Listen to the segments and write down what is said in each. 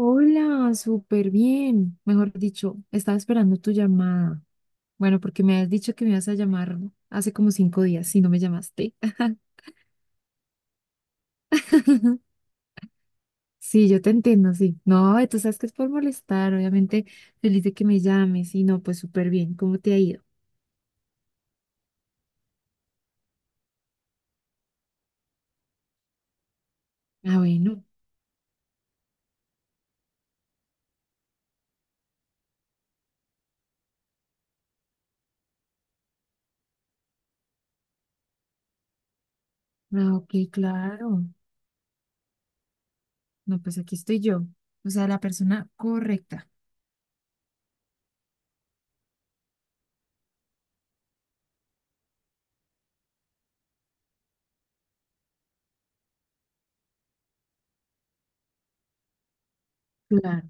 Hola, súper bien. Mejor dicho, estaba esperando tu llamada. Bueno, porque me has dicho que me ibas a llamar hace como 5 días, si no me llamaste. Sí, yo te entiendo, sí. No, tú sabes que es por molestar, obviamente. Feliz de que me llames. Y no, pues súper bien. ¿Cómo te ha ido? Ah, bueno. Ah, ok, claro. No, pues aquí estoy yo. O sea, la persona correcta. Claro.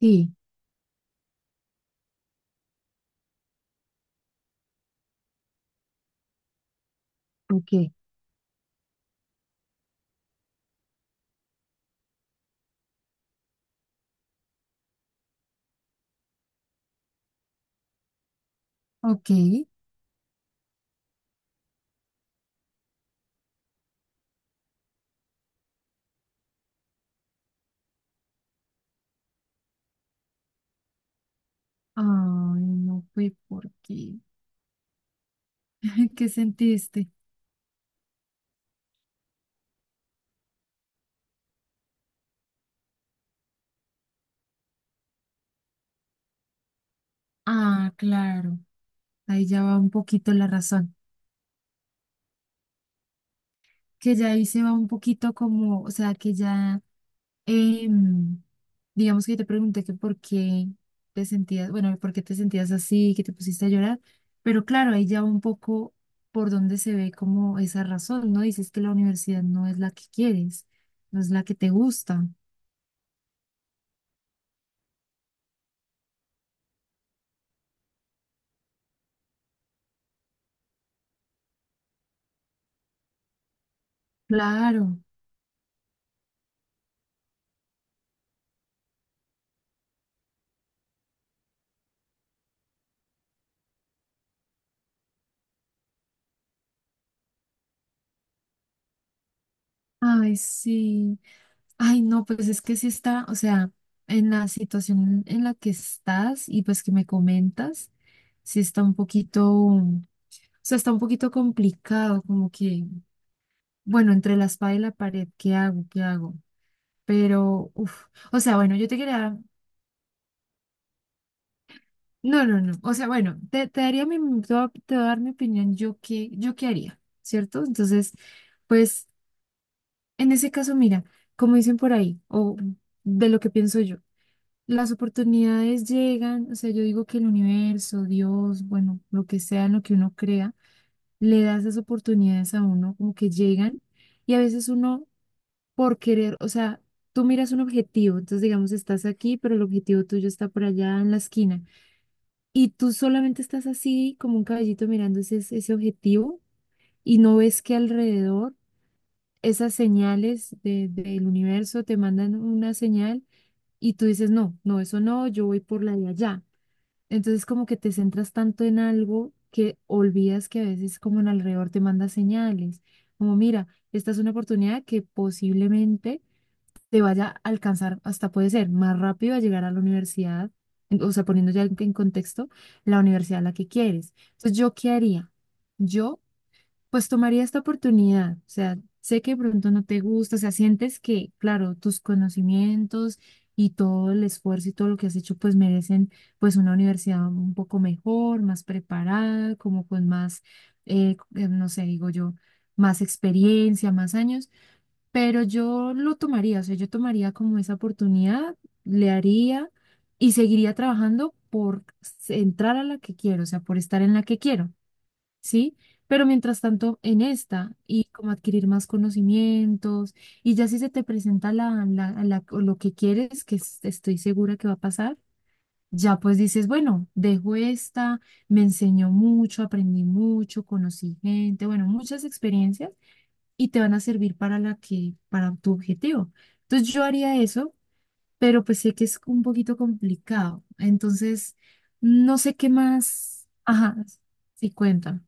Sí, ok. Ok. Ay, no fue porque. ¿Qué sentiste? Ah, claro. Ahí ya va un poquito la razón, que ya ahí se va un poquito como, o sea, que ya, em, digamos que yo te pregunté que por qué te sentías, bueno, por qué te sentías así, que te pusiste a llorar, pero claro, ahí ya va un poco por donde se ve como esa razón, ¿no? Dices que la universidad no es la que quieres, no es la que te gusta. Claro. Ay, sí. Ay, no, pues es que sí está, o sea, en la situación en la que estás y pues que me comentas, sí está un poquito, o sea, está un poquito complicado, como que, bueno, entre la espada y la pared, ¿qué hago? ¿Qué hago? Pero, uff, o sea, bueno, yo te quería, no, no, no, o sea, bueno, te daría mi, te voy a dar mi opinión, yo qué haría, ¿cierto? Entonces, pues, en ese caso, mira, como dicen por ahí, o de lo que pienso yo. Las oportunidades llegan, o sea, yo digo que el universo, Dios, bueno, lo que sea, en lo que uno crea, le da esas oportunidades a uno, como que llegan, y a veces uno, por querer, o sea, tú miras un objetivo, entonces digamos, estás aquí, pero el objetivo tuyo está por allá en la esquina, y tú solamente estás así, como un caballito mirando ese objetivo, y no ves que alrededor esas señales de- del universo te mandan una señal, y tú dices, no, no, eso no, yo voy por la de allá. Entonces como que te centras tanto en algo que olvidas que a veces como en alrededor te manda señales, como mira, esta es una oportunidad que posiblemente te vaya a alcanzar, hasta puede ser más rápido a llegar a la universidad, en- o sea, poniendo ya en contexto la universidad a la que quieres. Entonces, ¿yo qué haría? Yo pues tomaría esta oportunidad, o sea, sé que de pronto no te gusta, o sea, sientes que, claro, tus conocimientos y todo el esfuerzo y todo lo que has hecho, pues merecen pues una universidad un poco mejor, más preparada, como con más, no sé, digo yo, más experiencia, más años, pero yo lo tomaría, o sea, yo tomaría como esa oportunidad, le haría y seguiría trabajando por s- entrar a la que quiero, o sea, por estar en la que quiero. ¿Sí? Pero mientras tanto, en esta, y como adquirir más conocimientos, y ya si se te presenta o lo que quieres, que es- estoy segura que va a pasar, ya pues dices, bueno, dejo esta, me enseñó mucho, aprendí mucho, conocí gente, bueno, muchas experiencias, y te van a servir para la que, para tu objetivo. Entonces yo haría eso, pero pues sé que es un poquito complicado. Entonces, no sé qué más. Ajá, sí, cuenta.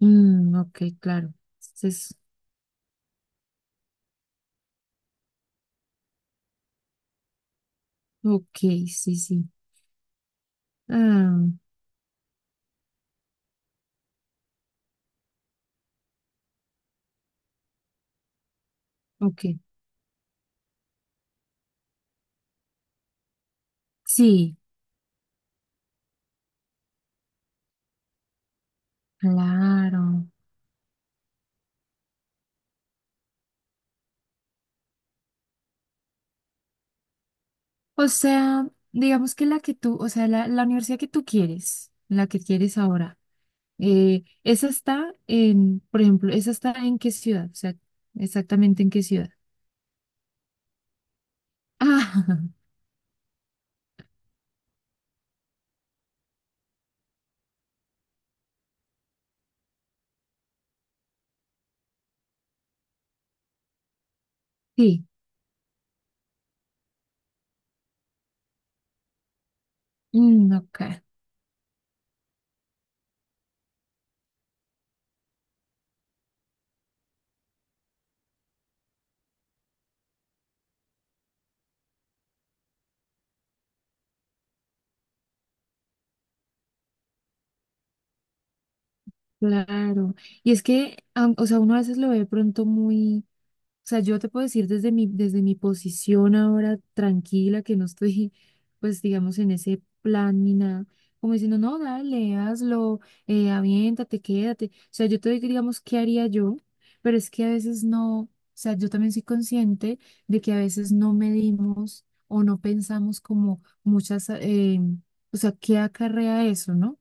Mm, ok, claro. Es ok, sí, sí. Ah, ok, sí, claro. O sea, digamos que la que tú, o sea, la universidad que tú quieres, la que quieres ahora, esa está en, por ejemplo, esa está en qué ciudad, o sea, exactamente en qué ciudad. Ah, sí, mm, ok, claro. Y es que, am- o sea, uno a veces lo ve de pronto muy. O sea, yo te puedo decir desde mi posición ahora tranquila, que no estoy, pues, digamos, en ese plan ni nada, como diciendo, no, dale, hazlo, aviéntate, quédate. O sea, yo te digo, digamos, ¿qué haría yo? Pero es que a veces no, o sea, yo también soy consciente de que a veces no medimos o no pensamos como muchas, o sea, ¿qué acarrea eso, no?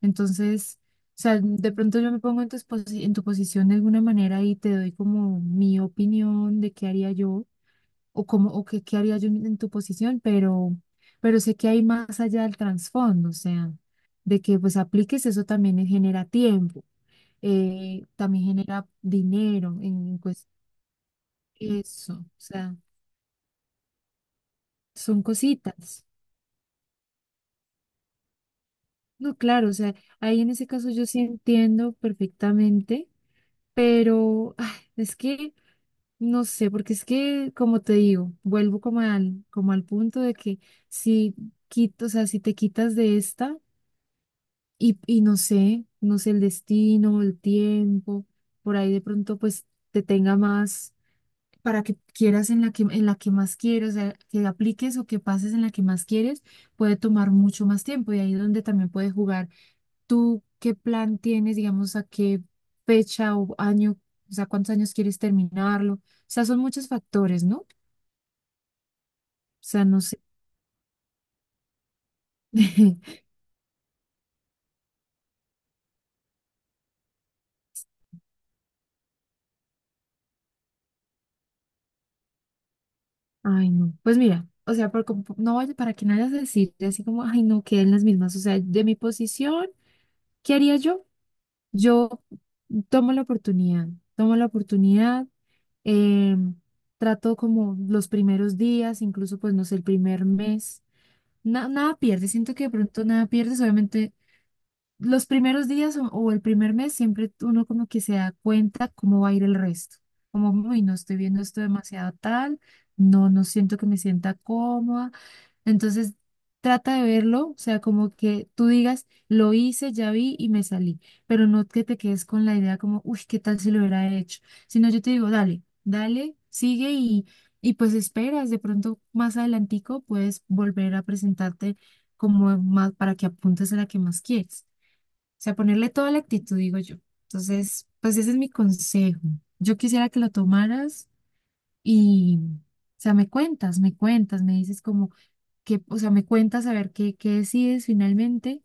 Entonces sea, de pronto yo me pongo en tu, posi- en tu posición de alguna manera y te doy como mi opinión de qué haría yo o cómo o qué, qué haría yo en tu posición, pero sé que hay más allá del trasfondo, o sea, de que pues apliques eso también genera tiempo, también genera dinero, en, pues eso, o sea, son cositas. No, claro, o sea, ahí en ese caso yo sí entiendo perfectamente, pero ay, es que... No sé, porque es que, como te digo, vuelvo como al punto de que si quito, o sea, si te quitas de esta y no sé, no sé, el destino, el tiempo, por ahí de pronto pues te tenga más para que quieras en la que más quieres, o sea, que apliques o que pases en la que más quieres, puede tomar mucho más tiempo y ahí es donde también puedes jugar. ¿Tú qué plan tienes, digamos, a qué fecha o año, o sea, cuántos años quieres terminarlo? O sea, son muchos factores, ¿no? Sea, no sé. Ay, no. Pues mira, o sea, por como- no vaya- para que no vayas a decir así como, ay, no, queden las mismas. O sea, de mi posición, ¿qué haría yo? Yo tomo la oportunidad, tomo la oportunidad, eh, trato como los primeros días, incluso pues no sé, el primer mes. Na- nada pierdes, siento que de pronto nada pierdes, obviamente los primeros días o el primer mes siempre uno como que se da cuenta cómo va a ir el resto. Como, uy, no estoy viendo esto demasiado tal, no, no siento que me sienta cómoda. Entonces, trata de verlo, o sea, como que tú digas, lo hice, ya vi y me salí, pero no que te quedes con la idea como, uy, ¿qué tal si lo hubiera hecho? Sino yo te digo, dale, dale, sigue y pues esperas, de pronto más adelantico puedes volver a presentarte como más para que apuntes a la que más quieres sea, ponerle toda la actitud, digo yo. Entonces, pues ese es mi consejo. Yo quisiera que lo tomaras y, o sea, me cuentas, me cuentas, me dices como que, o sea, me cuentas a ver qué, qué decides finalmente,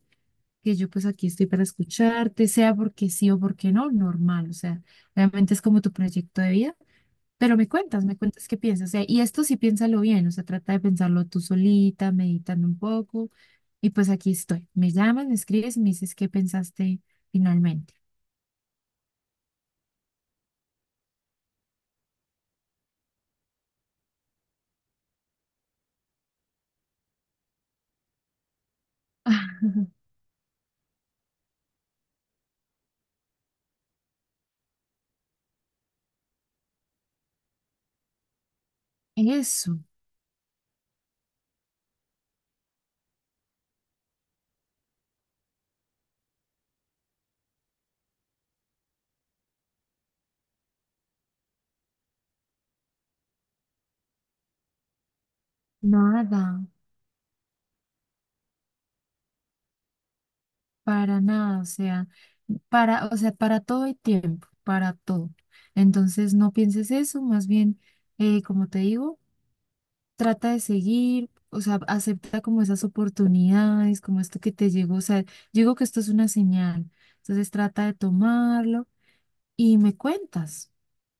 que yo pues aquí estoy para escucharte, sea porque sí o porque no, normal, o sea, realmente es como tu proyecto de vida. Pero me cuentas qué piensas. O sea, y esto sí piénsalo bien, o sea, trata de pensarlo tú solita, meditando un poco. Y pues aquí estoy. Me llamas, me escribes y me dices qué pensaste finalmente. Eso, nada, para nada, o sea, para todo hay tiempo, para todo. Entonces no pienses eso, más bien, como te digo, trata de seguir, o sea, acepta como esas oportunidades, como esto que te llegó, o sea, yo digo que esto es una señal, entonces trata de tomarlo y me cuentas.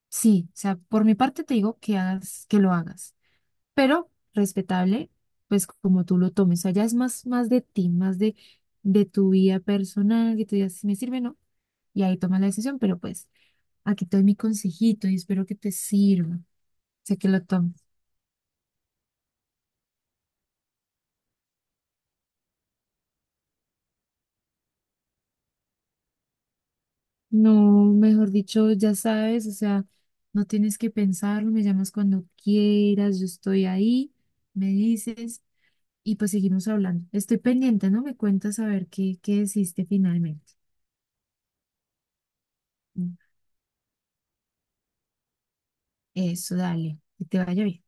Sí, o sea, por mi parte te digo que hagas, que lo hagas, pero respetable, pues como tú lo tomes, o sea, ya es más, más de ti, más de tu vida personal, que tú digas si me sirve o no, y ahí tomas la decisión, pero pues aquí te doy mi consejito y espero que te sirva, sé que lo tomes. No, mejor dicho, ya sabes, o sea, no tienes que pensarlo, me llamas cuando quieras, yo estoy ahí, me dices y pues seguimos hablando. Estoy pendiente, ¿no? Me cuentas a ver qué, qué decidiste finalmente. Mm. Eso, dale, que te vaya bien.